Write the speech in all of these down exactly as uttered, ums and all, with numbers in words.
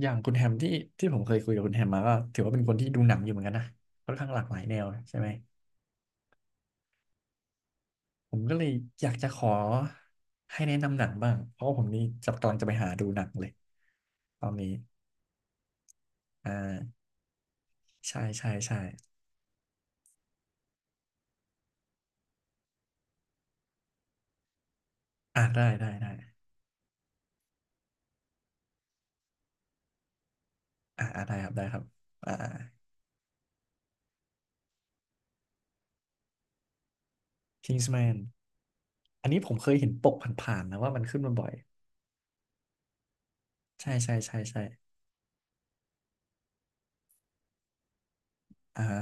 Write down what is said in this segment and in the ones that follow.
อย่างคุณแฮมที่ที่ผมเคยคุยกับคุณแฮมมาก็ถือว่าเป็นคนที่ดูหนังอยู่เหมือนกันนะค่อนข้างหลากหลายแนวใช่ไหมผมก็เลยอยากจะขอให้แนะนำหนังบ้างเพราะว่าผมนี่จะกำลังจะไปหาดูหนังเลยตอนนี้อ่าใช่ใช่ใช่อ่าได้ได้อ่าอ่าได้ครับอ่าอาอันนี้ผมเคยเห็นปกผ่านๆนะว่ามันขึ้นมาบ่อยใช่ใช่ใช่ใช่อ่าฮะ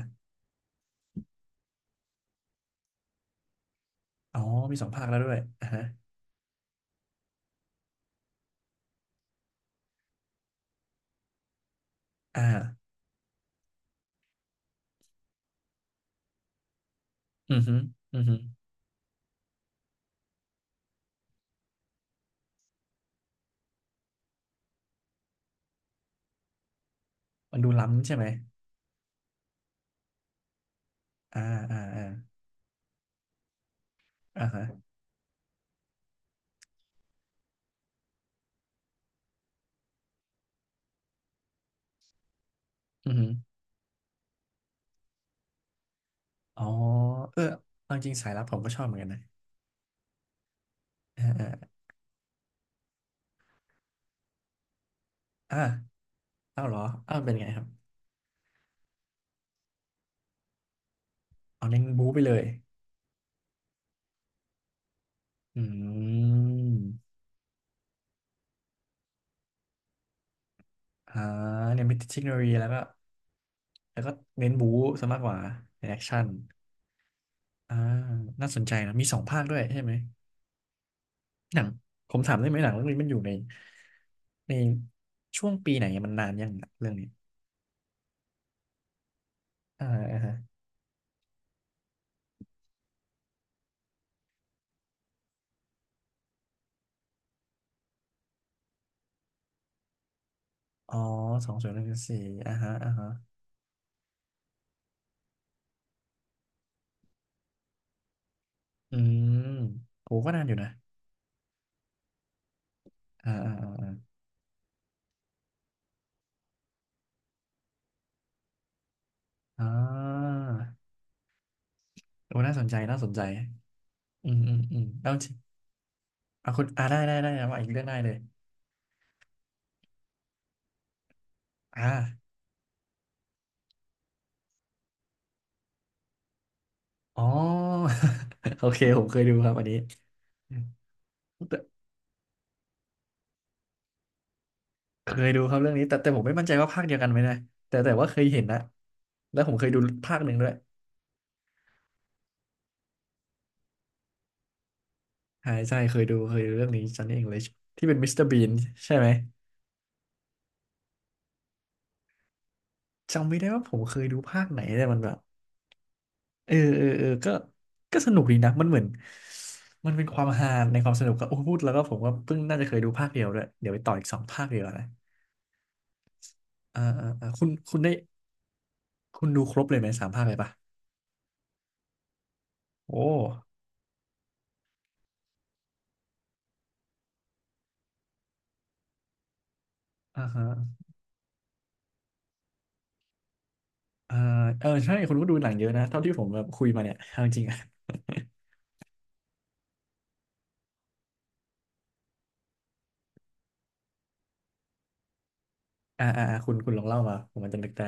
อ๋อมีสองภาคแล้วด้วยอ่าฮะอ่าอือฮึอือฮึมันดูล้ำใช่ไหมอ่าอ่าอ๋อเออเอาจริงสายลับผมก็ชอบเหมือนกันนะ อ่าอ่าอ้าวเหรออ้าวเป็นไงครับเอาเน้นบู๊ไปเลยอืมอ่าเนี่ยมีเทคโนโลยีแล้วก็แล้วก็เน้นบู๊ซะมากกว่าในแอคชั่นน่าสนใจนะมีสร้างด้วยใช่ไหมผมถามได้ไหมหนังเรื่องนี้มันอยู่ในในช่วงปีไหนมันนานยังอะเรื่องนี้อ่าอ่าฮะอ๋อสองศูนย์อ่าฮะอืมโหก็นานอยู่นะอ่าอ่าอ่าอ่าอ่าโอ้น่าสนใจน่าสนใจอืมอืมอืมแล้วอ่าได้ได้ได้ว่าอีกเรื่องได้เลย อ๋อ โอเคผมเคยดูครับอันนี้เคยดูครับเรื่องนี้แต่แต่ผมไม่มั่นใจว่าภาคเดียวกันไหมนะแต่แต่ว่าเคยเห็นนะแล้วผมเคยดูภาคหนึ่งด้วยใช่ใช่เคยดูเคยดูเรื่องนี้ Johnny English ที่เป็นมิสเตอร์บีนใช่ไหมจำไม่ได้ว่าผมเคยดูภาคไหนแต่มันแบบเออเออเออก็ก็สนุกดีนะมันเหมือนมันเป็นความฮาในความสนุกก็โอ้พูดแล้วก็ผมก็เพิ่งน่าจะเคยดูภาคเดียวด้วยเดี๋ยวไปต่ออีกสองภาคเดียวานะอ่าอ่าอ่าคุณคุณได้คุณดูครบเลยไหมสามภาคเลยปะโอ้อ่าฮะ เออเออใช่คุณก็ดูหนังเยอะนะเท่าที่ผมแบบคุยมาเนี่ยเอาจริงๆ อิะ อ่าอ่าอ่าคุณคุณลองเล่ามาผมมันจะนึกได้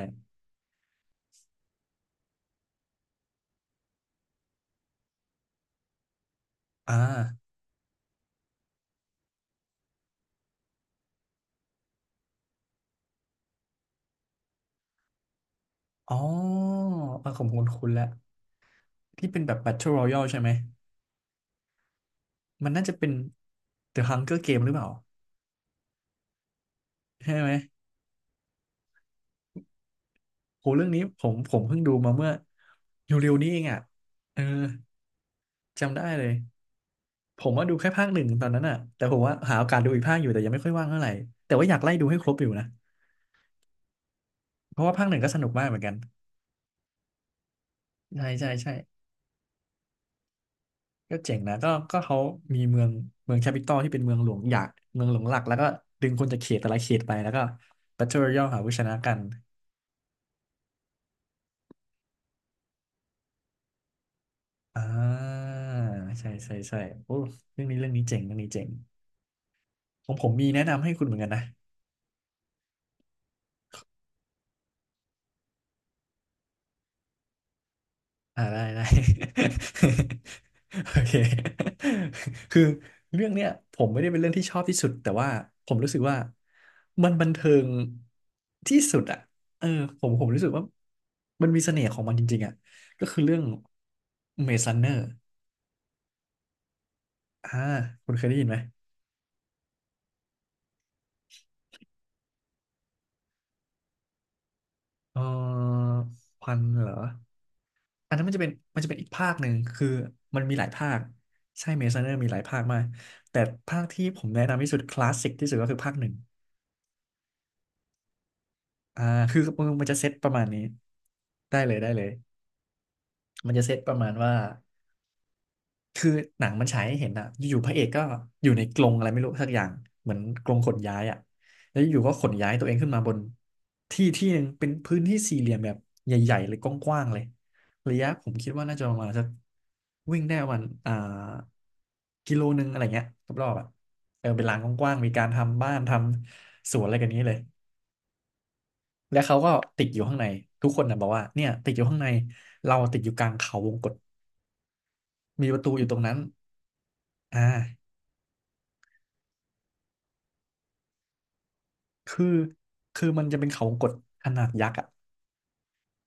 อ่าอ๋อเออคุณละที่เป็นแบบ Battle Royale ใช่ไหมมันน่าจะเป็น The Hunger Game หรือเปล่าใช่ไหมโหเรื่องนี้ผมผมเพิ่งดูมาเมื่อเร็วๆนี้เองอ่ะเออจำได้เลยผมว่าดูแค่ภาคหนึ่งตอนนั้นอ่ะแต่ผมว่าหาโอกาสดูอีกภาคอยู่แต่ยังไม่ค่อยว่างเท่าไหร่แต่ว่าอยากไล่ดูให้ครบอยู่นะเพราะว่าภาคหนึ่งก็สนุกมากเหมือนกันใช่ใช่ใช่ ก็เจ๋งนะก็ก็เขามีเมืองเมืองแคปิตอลที่เป็นเมืองหลวงอยากเมืองหลวงหลักแล้วก็ดึงคนจากเขตแต่ละเขตไปแล้วก็ Battle Royale หาผู้ชนะกันอ่าใช่ใช่ใช่โอ้เรื่องนี้เรื่องนี้เจ๋งเรื่องนี้เจ๋งของผมมีแนะนำให้คุณเหมือนกันนะอ่าได้ โอเค คือเรื่องเนี้ยผมไม่ได้เป็นเรื่องที่ชอบที่สุดแต่ว่าผมรู้สึกว่ามันบันเทิงที่สุดอ่ะเออผมผมรู้สึกว่ามันมีเสน่ห์ของมันจริงๆอ่ะก็คือเรื่อง เมซันเนอร์อ่าคุณเคยได้ยินไหมเออควันเหรออันนั้นมันจะเป็นมันจะเป็นอีกภาคหนึ่งคือมันมีหลายภาค ใช่เมซันเนอร์มีหลายภาคมาก แต่ภาคที่ผมแนะนำที่สุดคลาสสิกที่สุดก็คือภาคหนึ่งอ่าคือมันมันจะเซตประมาณนี้ ได้เลยได้เลยมันจะเซตประมาณว่าคือหนังมันฉายให้เห็นอะอยู่ๆพระเอกก็อยู่ในกรงอะไรไม่รู้สักอย่างเหมือนกรงขนย้ายอะ แล้วอยู่ก็ขนย้ายตัวเองขึ้นมาบนที่ที่หนึ่งเป็นพื้นที่สี่เหลี่ยมแบบใหญ่ๆเลยกว้างๆเลยระยะผมคิดว่าน่าจะประมาณสักวิ่งได้ประมาณอ่ากิโลนึงอะไรเงี้ยรอบๆอ่ะเออเป็นลานกว้างๆมีการทำบ้านทำสวนอะไรกันนี้เลยและเขาก็ติดอยู่ข้างในทุกคนนะบอกว่าเนี่ยติดอยู่ข้างในเราติดอยู่กลางเขาวงกตมีประตูอยู่ตรงนั้นอ่าคือคือมันจะเป็นเขาวงกตขนาดยักษ์อ่ะ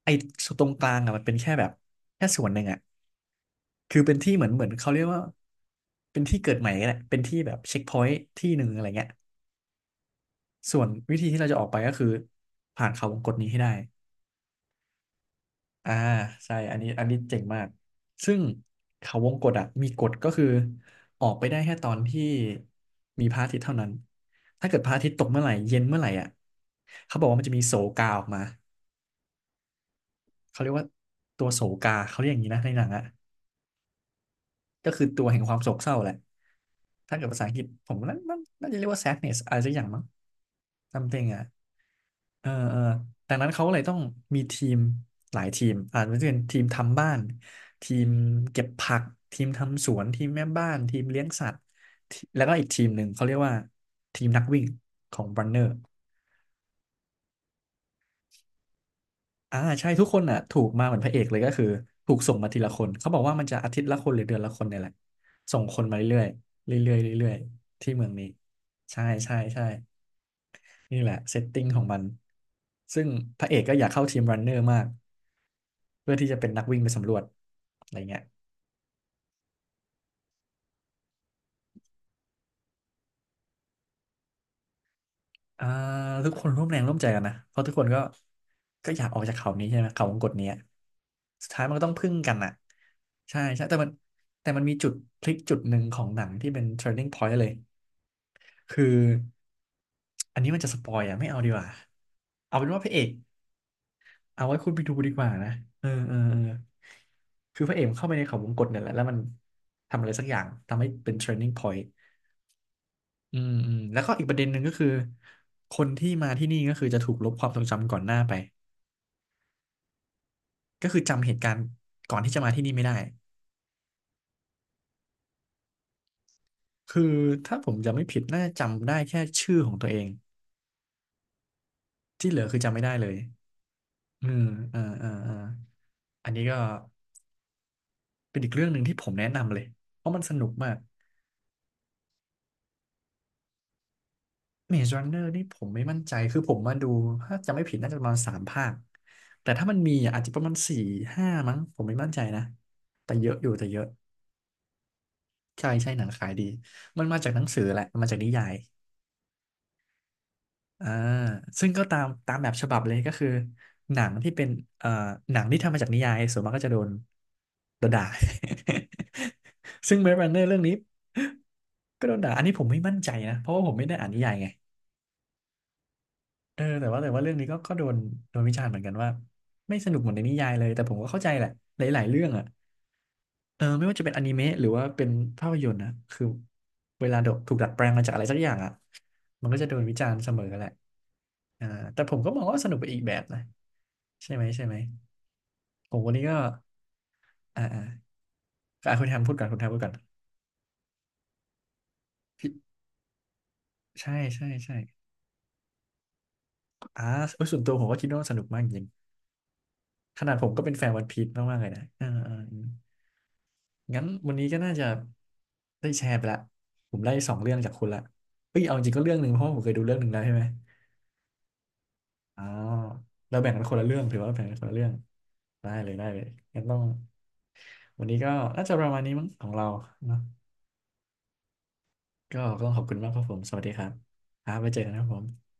ไอ้ตรงกลางอ่ะมันเป็นแค่แบบแค่ส่วนหนึ่งอ่ะ คือเป็นที่เหมือนเหมือนเขาเรียกว่าเป็นที่เกิดใหม่แหละเป็นที่แบบเช็คพอยต์ที่หนึ่งอะไรเงี้ยส่วนวิธีที่เราจะออกไปก็คือผ่านเขาวงกตนี้ให้ได้อ่าใช่อันนี้อันนี้เจ๋งมากซึ่งเขาวงกตอ่ะมีกฎก็คือออกไปได้แค่ตอนที่มีพระอาทิตย์เท่านั้นถ้าเกิดพระอาทิตย์ตกเมื่อไหร่เย็นเมื่อไหร่อ่ะเขาบอกว่ามันจะมีโศกาออกมาเขาเรียกว่าตัวโศกาเขาเรียกอย่างนี้นะในหนังอ่ะ ก็คือตัวแห่งความโศกเศร้าแหละ ถ้าเกิดภาษาอังกฤษผมน่าน่าน่าจะเรียกว่า แซดเนส อะไรสักอย่างมั้ง ซัมติง อ่ะเออเออดังนั้นเขาเลยต้องมีทีมหลายทีม อาจจะเป็นทีมทำบ้าน ทีมเก็บผัก ทีมทำสวน ทีมแม่บ้าน ทีมเลี้ยงสัตว์ทีแล้วก็อีกทีมหนึ่งเขาเรียกว่าทีมนักวิ่งของ runner อ่าใช่ทุกคนอ่ะถูกมาเหมือนพระเอกเลยก็คือถูกส่งมาทีละคนเขาบอกว่ามันจะอาทิตย์ละคนหรือเดือนละคนเนี่ยแหละส่งคนมาเรื่อยๆเรื่อยๆเรื่อยๆที่เมืองนี้ใช่ใช่ใช่นี่แหละเซตติ้งของมันซึ่งพระเอกก็อยากเข้าทีมรันเนอร์มากเพื่อที่จะเป็นนักวิ่งไปสำรวจอะไรเงี้ยอ่าทุกคนร่วมแรงร่วมใจกันนะเพราะทุกคนก็ก็อยากออกจากเขานี้ใช่ไหมเขาวงกตเนี้ยสุดท้ายมันก็ต้องพึ่งกันอ่ะใช่ใช่แต่มัน แต่มันมีจุดพลิกจุดหนึ่งของหนังที่เป็น turning point เลยคืออันนี้มันจะสปอยอ่ะไม่เอาดีกว่า เอาเป็นว่าพระเอกเอาไว้คุณไปดูดีกว่านะเออเออเออคือพระเอกมันเข้าไปในเขาวงกตเนี่ยแหละแล้วมันทำอะไรสักอย่างทำให้เป็น turning point อืมอืมแล้วก็อีกประเด็นหนึ่งก็คือคนที่มาที่นี่ก็คือจะถูกลบความทรงจำก่อนหน้าไปก็คือจำเหตุการณ์ก่อนที่จะมาที่นี่ไม่ได้คือถ้าผมจำไม่ผิดน่าจะจำได้แค่ชื่อของตัวเองที่เหลือคือจำไม่ได้เลย เออเออเออเอออันนี้ก็เป็นอีกเรื่องหนึ่งที่ผมแนะนำเลยเพราะมันสนุกมาก Maze Runner นี่ผมไม่มั่นใจ คือผมมาดูถ้าจำไม่ผิดน่าจะประมาณสามภาคแต่ถ้ามันมีอ่ะอาจจะประมาณสี่ห้ามั้งผมไม่มั่นใจนะ แต่เยอะอยู่แต่เยอะใช่ใช่หนังขายดีมันมาจากหนังสือแหละมันมาจากนิยายอ่าซึ่งก็ตามตามแบบฉบับเลยก็คือหนังที่เป็นเอ่อหนังที่ทำมาจากนิยายส่วนมากก็จะโดนโดนด่า ซึ่ง เมซรันเนอร์ เรื่องนี้ ก็โดนด่าอันนี้ผมไม่มั่นใจนะเพราะว่าผมไม่ได้อ่านนิยายไงเออแต่ว่าแต่ว่าเรื่องนี้ก็ก็โดนโดนวิจารณ์เหมือนกันว่าไม่สนุกเหมือนในนิยายเลยแต่ผมก็เข้าใจแหละหลายๆเรื่องอ่ะเออไม่ว่าจะเป็นอนิเมะหรือว่าเป็นภาพยนตร์นะคือเวลาโดนถูกดัดแปลงมาจากอะไรสักอย่างอ่ะมันก็จะโดนวิจารณ์เสมอแหละอ่าแต่ผมก็มองว่าสนุกไปอีกแบบนะใช่ไหมใช่ไหมผมวันนี้ก็อ่าอ่าก็อ่ะคุณแทมพูดก่อนคุณแทมพูดก่อนใช่ใช่ใช่อ่าเอยส่วนตัวผมก็คิดว่าสนุกมากจริง ขนาดผมก็เป็นแฟนวันพีชมากๆเลยนะอ่าอ่างั้นวันนี้ก็น่าจะได้แชร์ไปละผมได้สองเรื่องจากคุณละเอ้ยเอาจริงก็เรื่องหนึ่งเพราะว่าผมเคยดูเรื่องหนึ่งแล้วใช่ไหมเราแบ่งกันคนละเรื่องถือว่าแบ่งกันคนละเรื่องได้เลยได้เลยงั้นต้องวันนี้ก็น่าจะประมาณนี้มั้งของเราเนาะก็ต้องขอบคุณมากครับผมสวัสดีครับครับไว้เจอกันนะครับผม